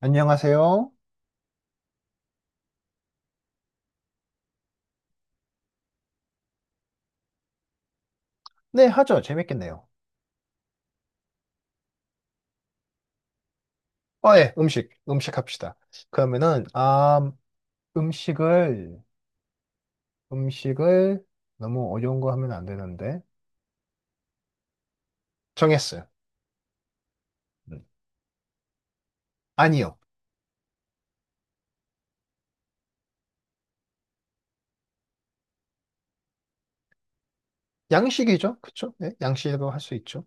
안녕하세요. 네, 하죠. 재밌겠네요. 어, 예, 음식, 음식 합시다. 그러면은, 아, 음식을, 음식을 너무 어려운 거 하면 안 되는데. 정했어요. 음. 아니요. 양식이죠. 그쵸? 네, 양식으로 할 수 있죠.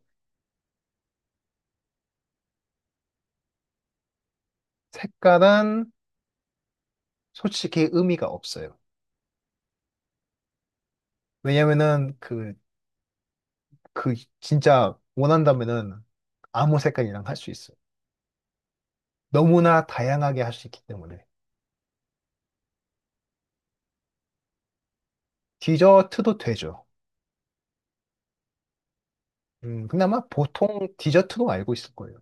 색깔은 솔직히 의미가 없어요. 왜냐면은, 그, 진짜 원한다면은 아무 색깔이랑 할 수 있어요. 너무나 다양하게 할 수 있기 때문에. 디저트도 되죠. 그나마 보통 디저트로 알고 있을 거예요.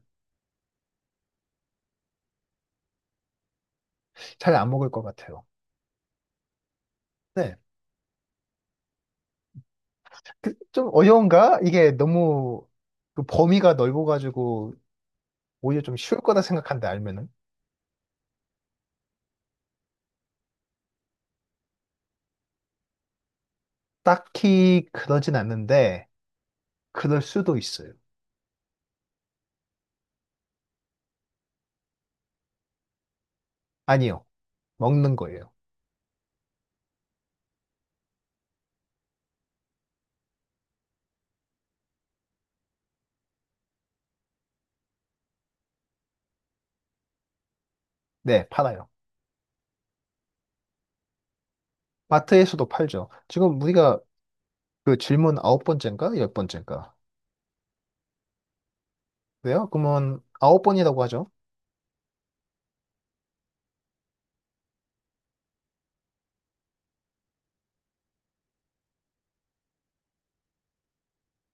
잘 안 먹을 것 같아요. 네. 좀 어려운가? 이게 너무 그 범위가 넓어가지고 오히려 좀 쉬울 거다 생각한데 알면은 딱히 그러진 않는데 그럴 수도 있어요. 아니요. 먹는 거예요. 네, 팔아요. 마트에서도 팔죠. 지금 우리가 그 질문 아홉 번째인가? 열 번째인가? 그래요? 그러면 아홉 번이라고 하죠.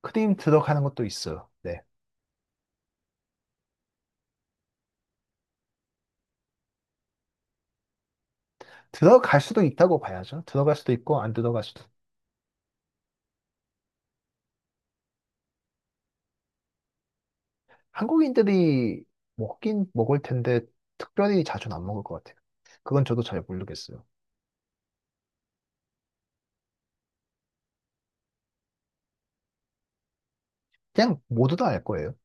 크림 들어가는 것도 있어요. 네. 들어갈 수도 있다고 봐야죠. 들어갈 수도 있고 안 들어갈 수도 한국인들이 먹긴 먹을 텐데 특별히 자주는 안 먹을 것 같아요. 그건 저도 잘 모르겠어요. 그냥 모두 다 알 거예요.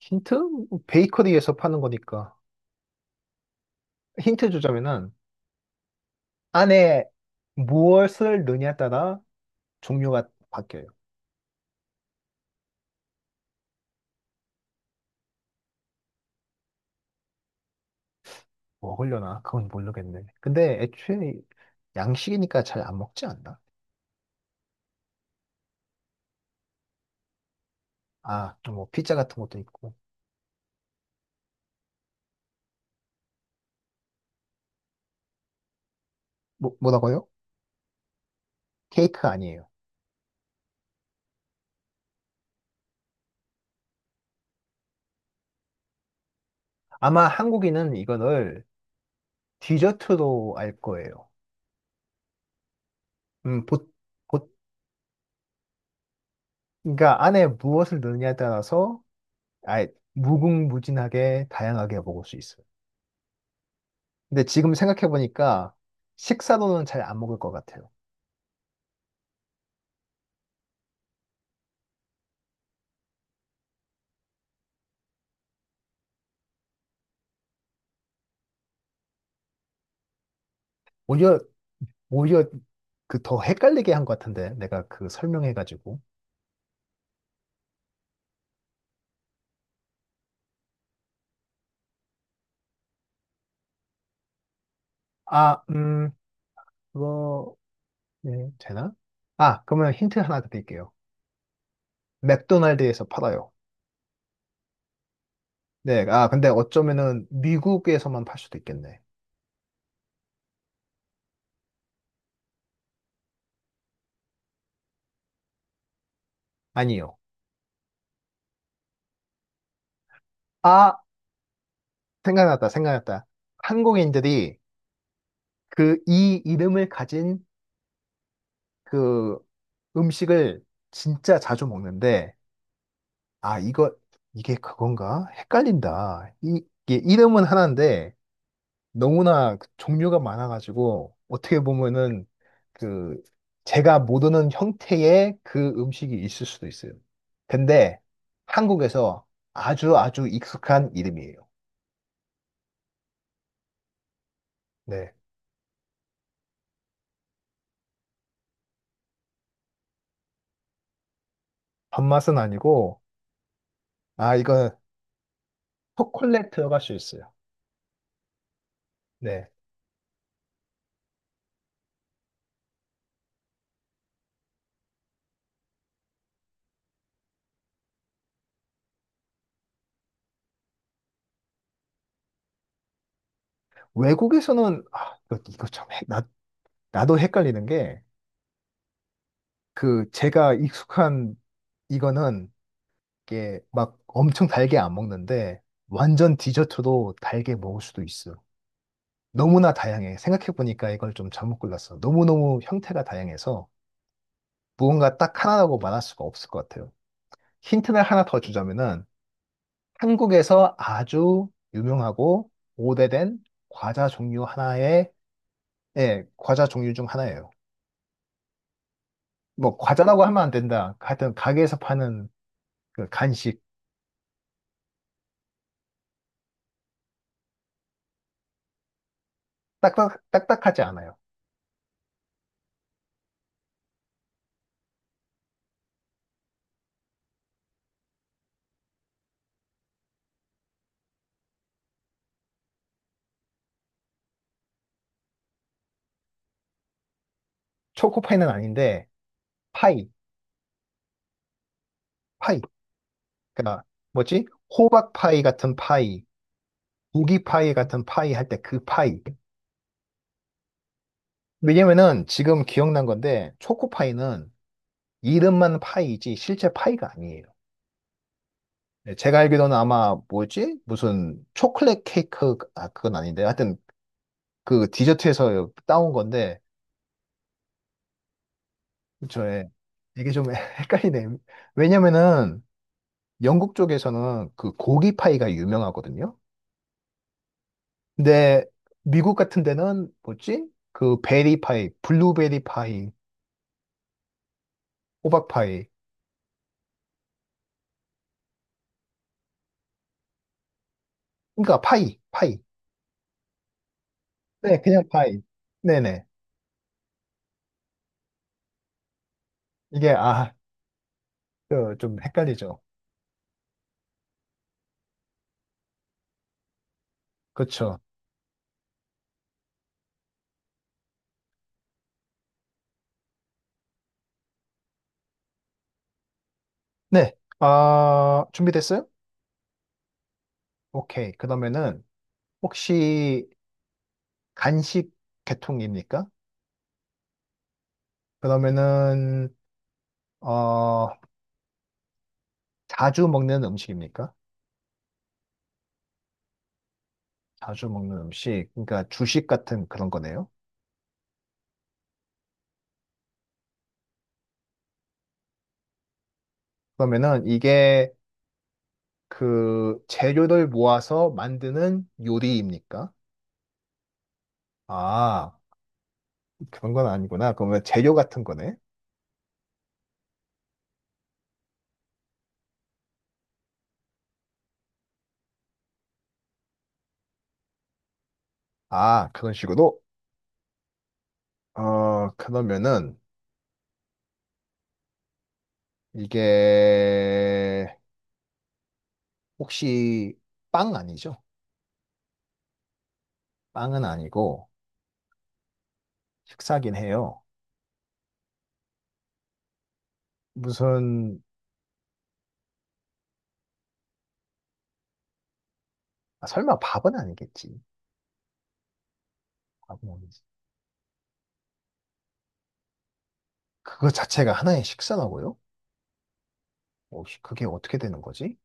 힌트? 뭐 베이커리에서 파는 거니까. 힌트 주자면은 안에 무엇을 넣냐에 따라 종류가 바뀌어요. 먹으려나? 그건 모르겠네. 근데 애초에 양식이니까 잘 안 먹지 않나? 아, 또뭐 피자 같은 것도 있고. 뭐, 뭐라고요? 케이크 아니에요. 아마 한국인은 이거를 디저트로 알 거예요. 음, 보, 그러니까 안에 무엇을 넣느냐에 따라서 아예 무궁무진하게 다양하게 먹을 수 있어요. 근데 지금 생각해보니까 식사로는 잘 안 먹을 것 같아요. 오히려, 오히려 그 더 헷갈리게 한 것 같은데, 내가 그 설명해가지고. 아, 그거, 네, 되나? 아, 그러면 힌트 하나 드릴게요. 맥도날드에서 팔아요. 네, 아, 근데 어쩌면은 미국에서만 팔 수도 있겠네. 아니요. 아, 생각났다, 생각났다. 한국인들이 그 이 이름을 가진 그 음식을 진짜 자주 먹는데, 아, 이거, 이게 그건가? 헷갈린다. 이게 이름은 하나인데, 너무나 그 종류가 많아가지고, 어떻게 보면은, 그, 제가 모르는 형태의 그 음식이 있을 수도 있어요. 근데, 한국에서 아주 아주 익숙한 이름이에요. 네. 밥맛은 아니고, 아, 이건 초콜릿 들어갈 수 있어요. 네. 외국에서는, 아, 이거 참, 나 나도 헷갈리는 게, 그, 제가 익숙한 이거는, 이게 막 엄청 달게 안 먹는데, 완전 디저트도 달게 먹을 수도 있어. 너무나 다양해. 생각해보니까 이걸 좀 잘못 골랐어. 너무너무 형태가 다양해서, 무언가 딱 하나라고 말할 수가 없을 것 같아요. 힌트를 하나 더 주자면은, 한국에서 아주 유명하고 오래된 과자 종류 하나의, 예, 과자 종류 중 하나예요. 뭐, 과자라고 하면 안 된다. 하여튼, 가게에서 파는 그 간식, 딱딱하지 않아요. 초코파이는 아닌데, 파이, 파이. 그러니까, 뭐지? 호박파이 같은 파이, 고기파이 같은 파이 할 때 그 파이. 왜냐면은 지금 기억난 건데, 초코파이는 이름만 파이지 실제 파이가 아니에요. 네, 제가 알기로는 아마 뭐지? 무슨 초콜릿 케이크, 아, 그건 아닌데. 하여튼 그 디저트에서 따온 건데, 저의 이게 좀 헷갈리네. 왜냐면은 영국 쪽에서는 그 고기파이가 유명하거든요. 근데 미국 같은 데는 뭐지? 그 베리 파이, 블루베리 파이, 호박 파이. 그러니까 파이, 파이. 네, 그냥 파이. 네네. 이게 아, 그, 좀 헷갈리죠. 그렇죠. 네. 아, 준비됐어요? 오케이. 그러면은 혹시 간식 계통입니까? 그러면은 어, 자주 먹는 음식입니까? 자주 먹는 음식. 그러니까 주식 같은 그런 거네요. 그러면은 이게 그 재료를 모아서 만드는 요리입니까? 아, 그런 건 아니구나. 그러면 재료 같은 거네. 아, 그런 식으로? 어, 그러면은 이게 혹시 빵 아니죠? 빵은 아니고 식사긴 해요. 무슨 아, 설마 밥은 아니겠지? 밥은 아니지. 그거 자체가 하나의 식사라고요? 어, 씨, 그게 어떻게 되는 거지?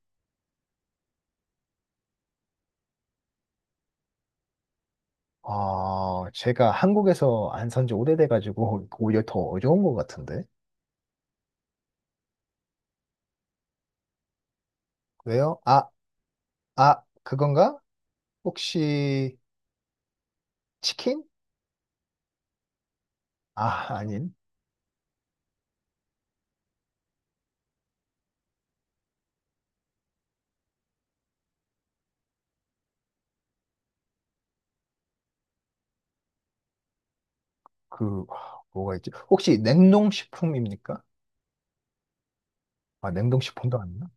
아, 제가 한국에서 안 산지 오래돼가지고 오히려 더 어려운 것 같은데. 왜요? 아, 아, 그건가? 혹시 치킨? 아, 아닌. 그 뭐가 있지? 혹시 냉동식품입니까? 아, 냉동식품도 아니나?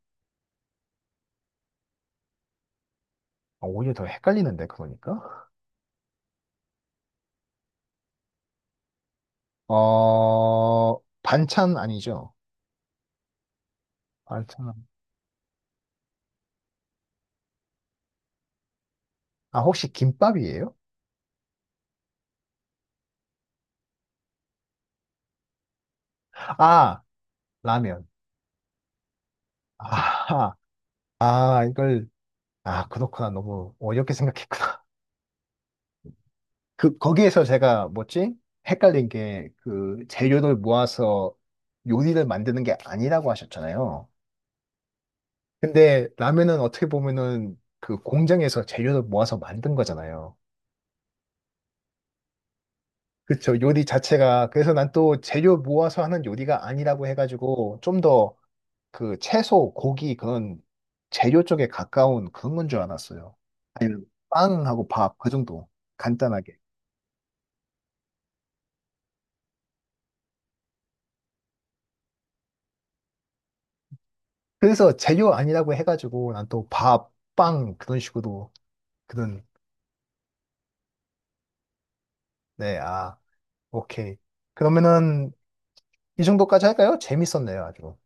아, 오히려 더 헷갈리는데 그러니까. 어, 반찬 아니죠? 반찬. 아, 혹시 김밥이에요? 아, 라면. 아, 아, 이걸 아, 그렇구나. 너무 어렵게 생각했구나. 그 거기에서 제가 뭐지? 헷갈린 게 그 재료를 모아서 요리를 만드는 게 아니라고 하셨잖아요. 근데 라면은 어떻게 보면은 그 공장에서 재료를 모아서 만든 거잖아요. 그쵸. 요리 자체가 그래서 난 또 재료 모아서 하는 요리가 아니라고 해가지고 좀 더 그 채소, 고기 그런 재료 쪽에 가까운 그런 건 줄 알았어요. 아니면 빵하고 밥 그 정도 간단하게. 그래서 재료 아니라고 해가지고 난 또 밥, 빵 그런 식으로 그런, 네, 아, 오케이. 그러면은 이 정도까지 할까요? 재밌었네요, 아주.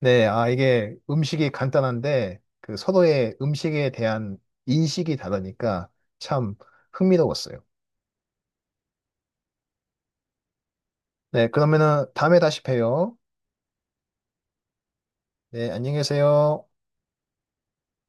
네, 아, 이게 음식이 간단한데 그 서로의 음식에 대한 인식이 다르니까 참 흥미로웠어요. 네, 그러면은 다음에 다시 봬요. 네, 안녕히 계세요.